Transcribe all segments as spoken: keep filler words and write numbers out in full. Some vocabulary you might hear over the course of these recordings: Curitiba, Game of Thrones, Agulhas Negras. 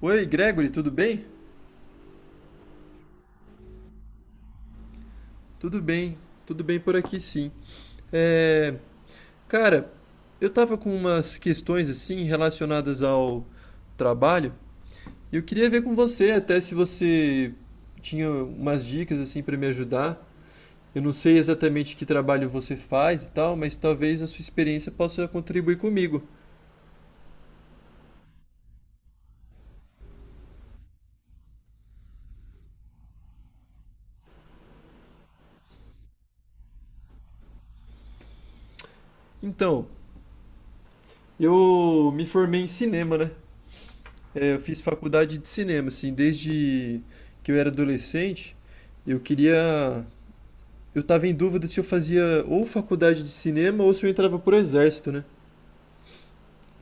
Oi, Gregory, tudo bem? Tudo bem, tudo bem por aqui sim. É, cara, eu tava com umas questões assim relacionadas ao trabalho e eu queria ver com você, até se você tinha umas dicas assim para me ajudar. Eu não sei exatamente que trabalho você faz e tal, mas talvez a sua experiência possa contribuir comigo. Então, eu me formei em cinema, né? É, eu fiz faculdade de cinema, assim, desde que eu era adolescente. Eu queria eu tava em dúvida se eu fazia ou faculdade de cinema ou se eu entrava pro exército, né?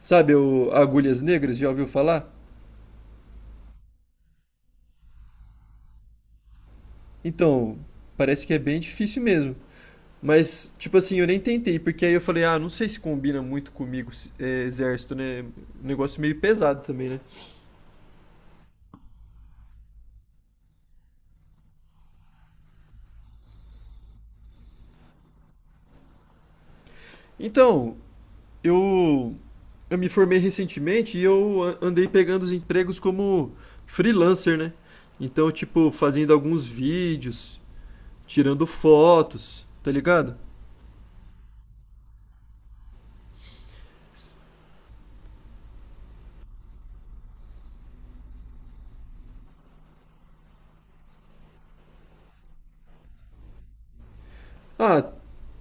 Sabe o Agulhas Negras, já ouviu falar? Então, parece que é bem difícil mesmo. Mas, tipo assim, eu nem tentei, porque aí eu falei, ah, não sei se combina muito comigo se- é, exército, né? Um negócio meio pesado também, né? Então, eu, eu me formei recentemente e eu a- andei pegando os empregos como freelancer, né? Então, tipo, fazendo alguns vídeos, tirando fotos, tá ligado? Ah,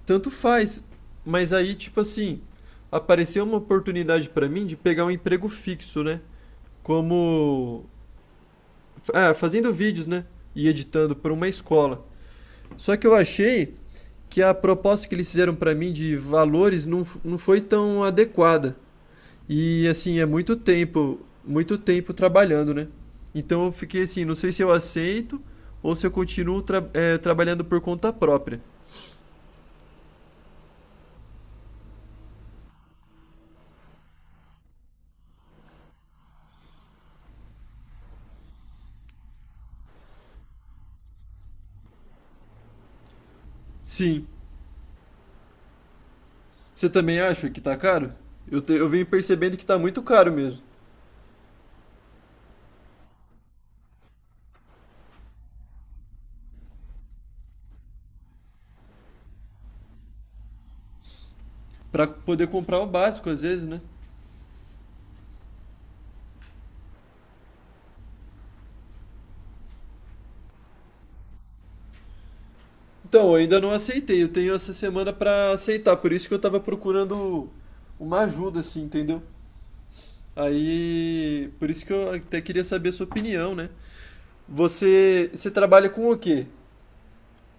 tanto faz. Mas aí, tipo assim, apareceu uma oportunidade pra mim de pegar um emprego fixo, né? Como, ah, fazendo vídeos, né? E editando para uma escola. Só que eu achei que a proposta que eles fizeram pra mim de valores não, f- não foi tão adequada. E assim, é muito tempo, muito tempo trabalhando, né? Então eu fiquei assim, não sei se eu aceito ou se eu continuo tra- eh, trabalhando por conta própria. Sim. Você também acha que tá caro? Eu, te- eu venho percebendo que tá muito caro mesmo. Pra poder comprar o básico, às vezes, né? Então, eu ainda não aceitei. Eu tenho essa semana pra aceitar. Por isso que eu tava procurando uma ajuda, assim, entendeu? Aí. Por isso que eu até queria saber a sua opinião, né? Você. Você trabalha com o quê,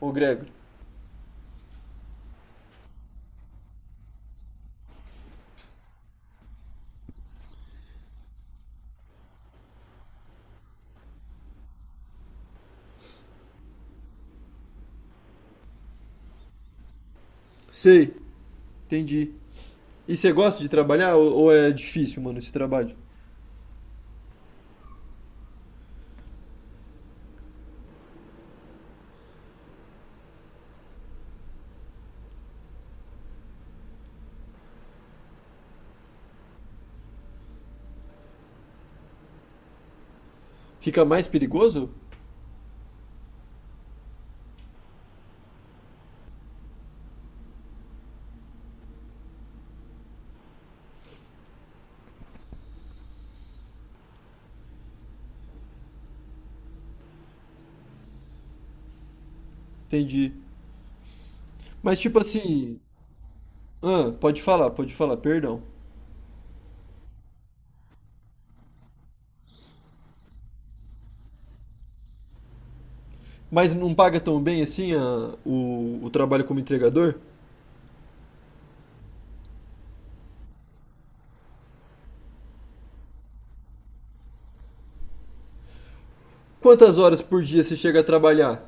ô Gregor? Sei, entendi. E você gosta de trabalhar ou, ou é difícil, mano, esse trabalho? Fica mais perigoso? Entendi. Mas, tipo assim. Ah, pode falar, pode falar, perdão. Mas não paga tão bem assim a- o, o trabalho como entregador? Quantas horas por dia você chega a trabalhar?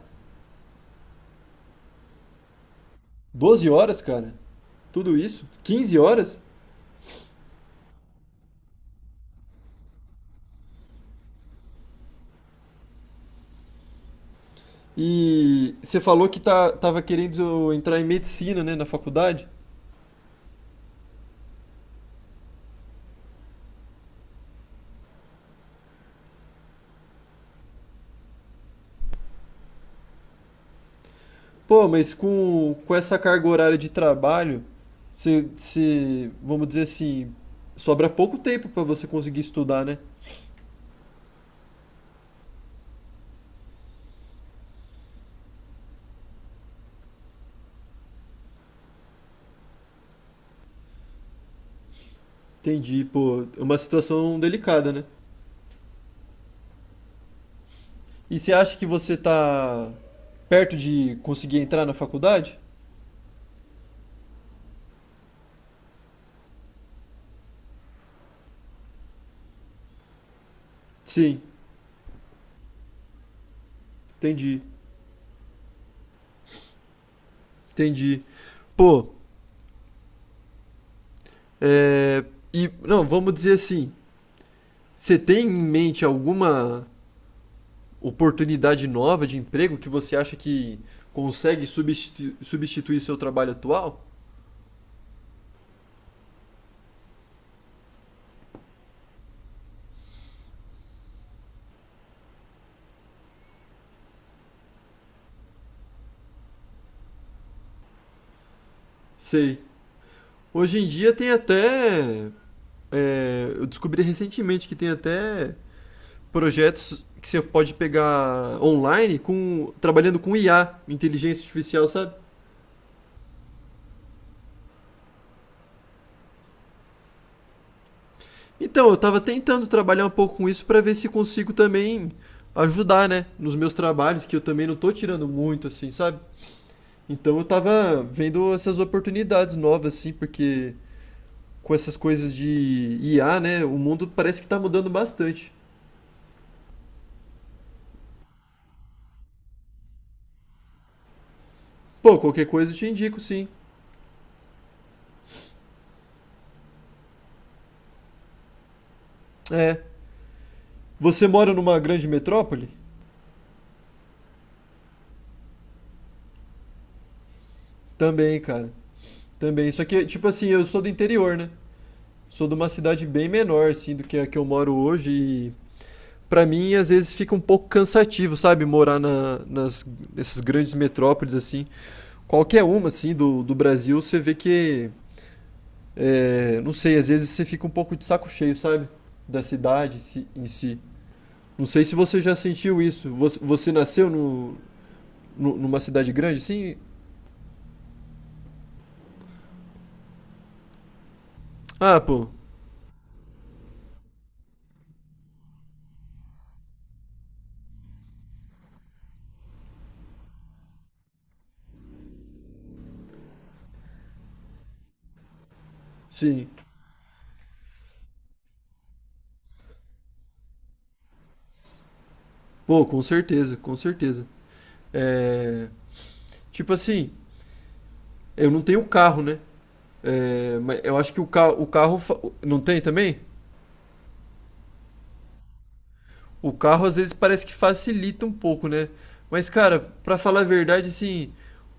Doze horas, cara? Tudo isso? Quinze horas? E você falou que tá, tava querendo entrar em medicina, né, na faculdade? Pô, mas com, com essa carga horária de trabalho, você, você, vamos dizer assim, sobra pouco tempo pra você conseguir estudar, né? Entendi, pô, é uma situação delicada, né? E você acha que você tá perto de conseguir entrar na faculdade? Sim, entendi, entendi. Pô, é, e não, vamos dizer assim, você tem em mente alguma oportunidade nova de emprego que você acha que consegue substitu- substituir seu trabalho atual? Sei. Hoje em dia tem até, é, eu descobri recentemente que tem até projetos que você pode pegar online com trabalhando com I A, inteligência artificial, sabe? Então, eu tava tentando trabalhar um pouco com isso para ver se consigo também ajudar, né, nos meus trabalhos, que eu também não tô tirando muito assim, sabe? Então, eu tava vendo essas oportunidades novas assim, porque com essas coisas de I A, né, o mundo parece que tá mudando bastante. Pô, qualquer coisa eu te indico, sim. É. Você mora numa grande metrópole? Também, cara. Também, só que, tipo assim, eu sou do interior, né? Sou de uma cidade bem menor, assim, do que a que eu moro hoje e pra mim às vezes fica um pouco cansativo, sabe? Morar na, nas, nessas grandes metrópoles, assim. Qualquer uma, assim, do, do Brasil, você vê que, é, não sei, às vezes você fica um pouco de saco cheio, sabe? Da cidade em si. em si. Não sei se você já sentiu isso. Você, você nasceu no, nu- numa cidade grande, assim? Ah, pô, sim. Pô, com certeza, com certeza. É... Tipo assim, eu não tenho carro, né? É, mas eu acho que o carro, o carro fa- não tem também? O carro às vezes parece que facilita um pouco, né? Mas cara, pra falar a verdade, assim,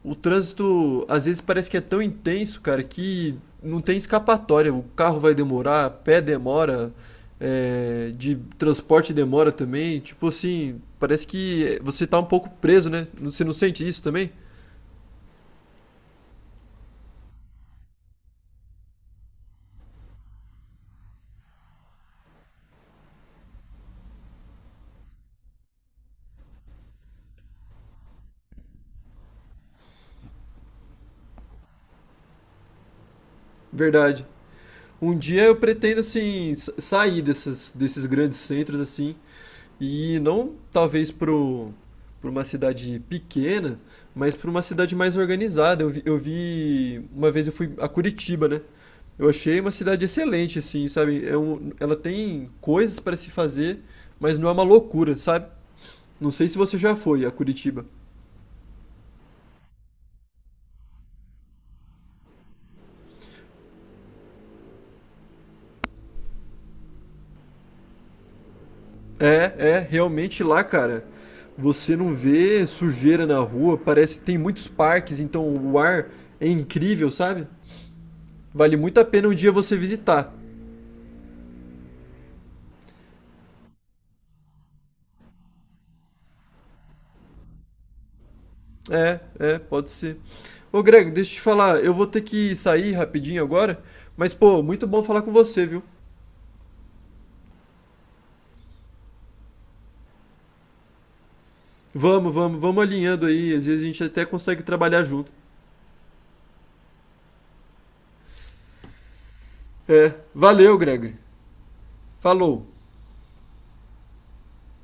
o trânsito às vezes parece que é tão intenso, cara, que não tem escapatória. O carro vai demorar, pé demora, é, de transporte demora também. Tipo assim, parece que você tá um pouco preso, né? Você não sente isso também? Verdade. Um dia eu pretendo, assim, sa- sair dessas, desses grandes centros, assim, e não talvez pro, pra uma cidade pequena, mas pra uma cidade mais organizada. Eu vi, eu vi, uma vez eu fui a Curitiba, né? Eu achei uma cidade excelente, assim, sabe? É um, ela tem coisas para se fazer, mas não é uma loucura, sabe? Não sei se você já foi a Curitiba. É, é, realmente lá, cara, você não vê sujeira na rua, parece que tem muitos parques, então o ar é incrível, sabe? Vale muito a pena um dia você visitar. É, é, pode ser. Ô, Greg, deixa eu te falar, eu vou ter que sair rapidinho agora, mas pô, muito bom falar com você, viu? Vamos, vamos, vamos alinhando aí, às vezes a gente até consegue trabalhar junto. É, valeu, Greg. Falou.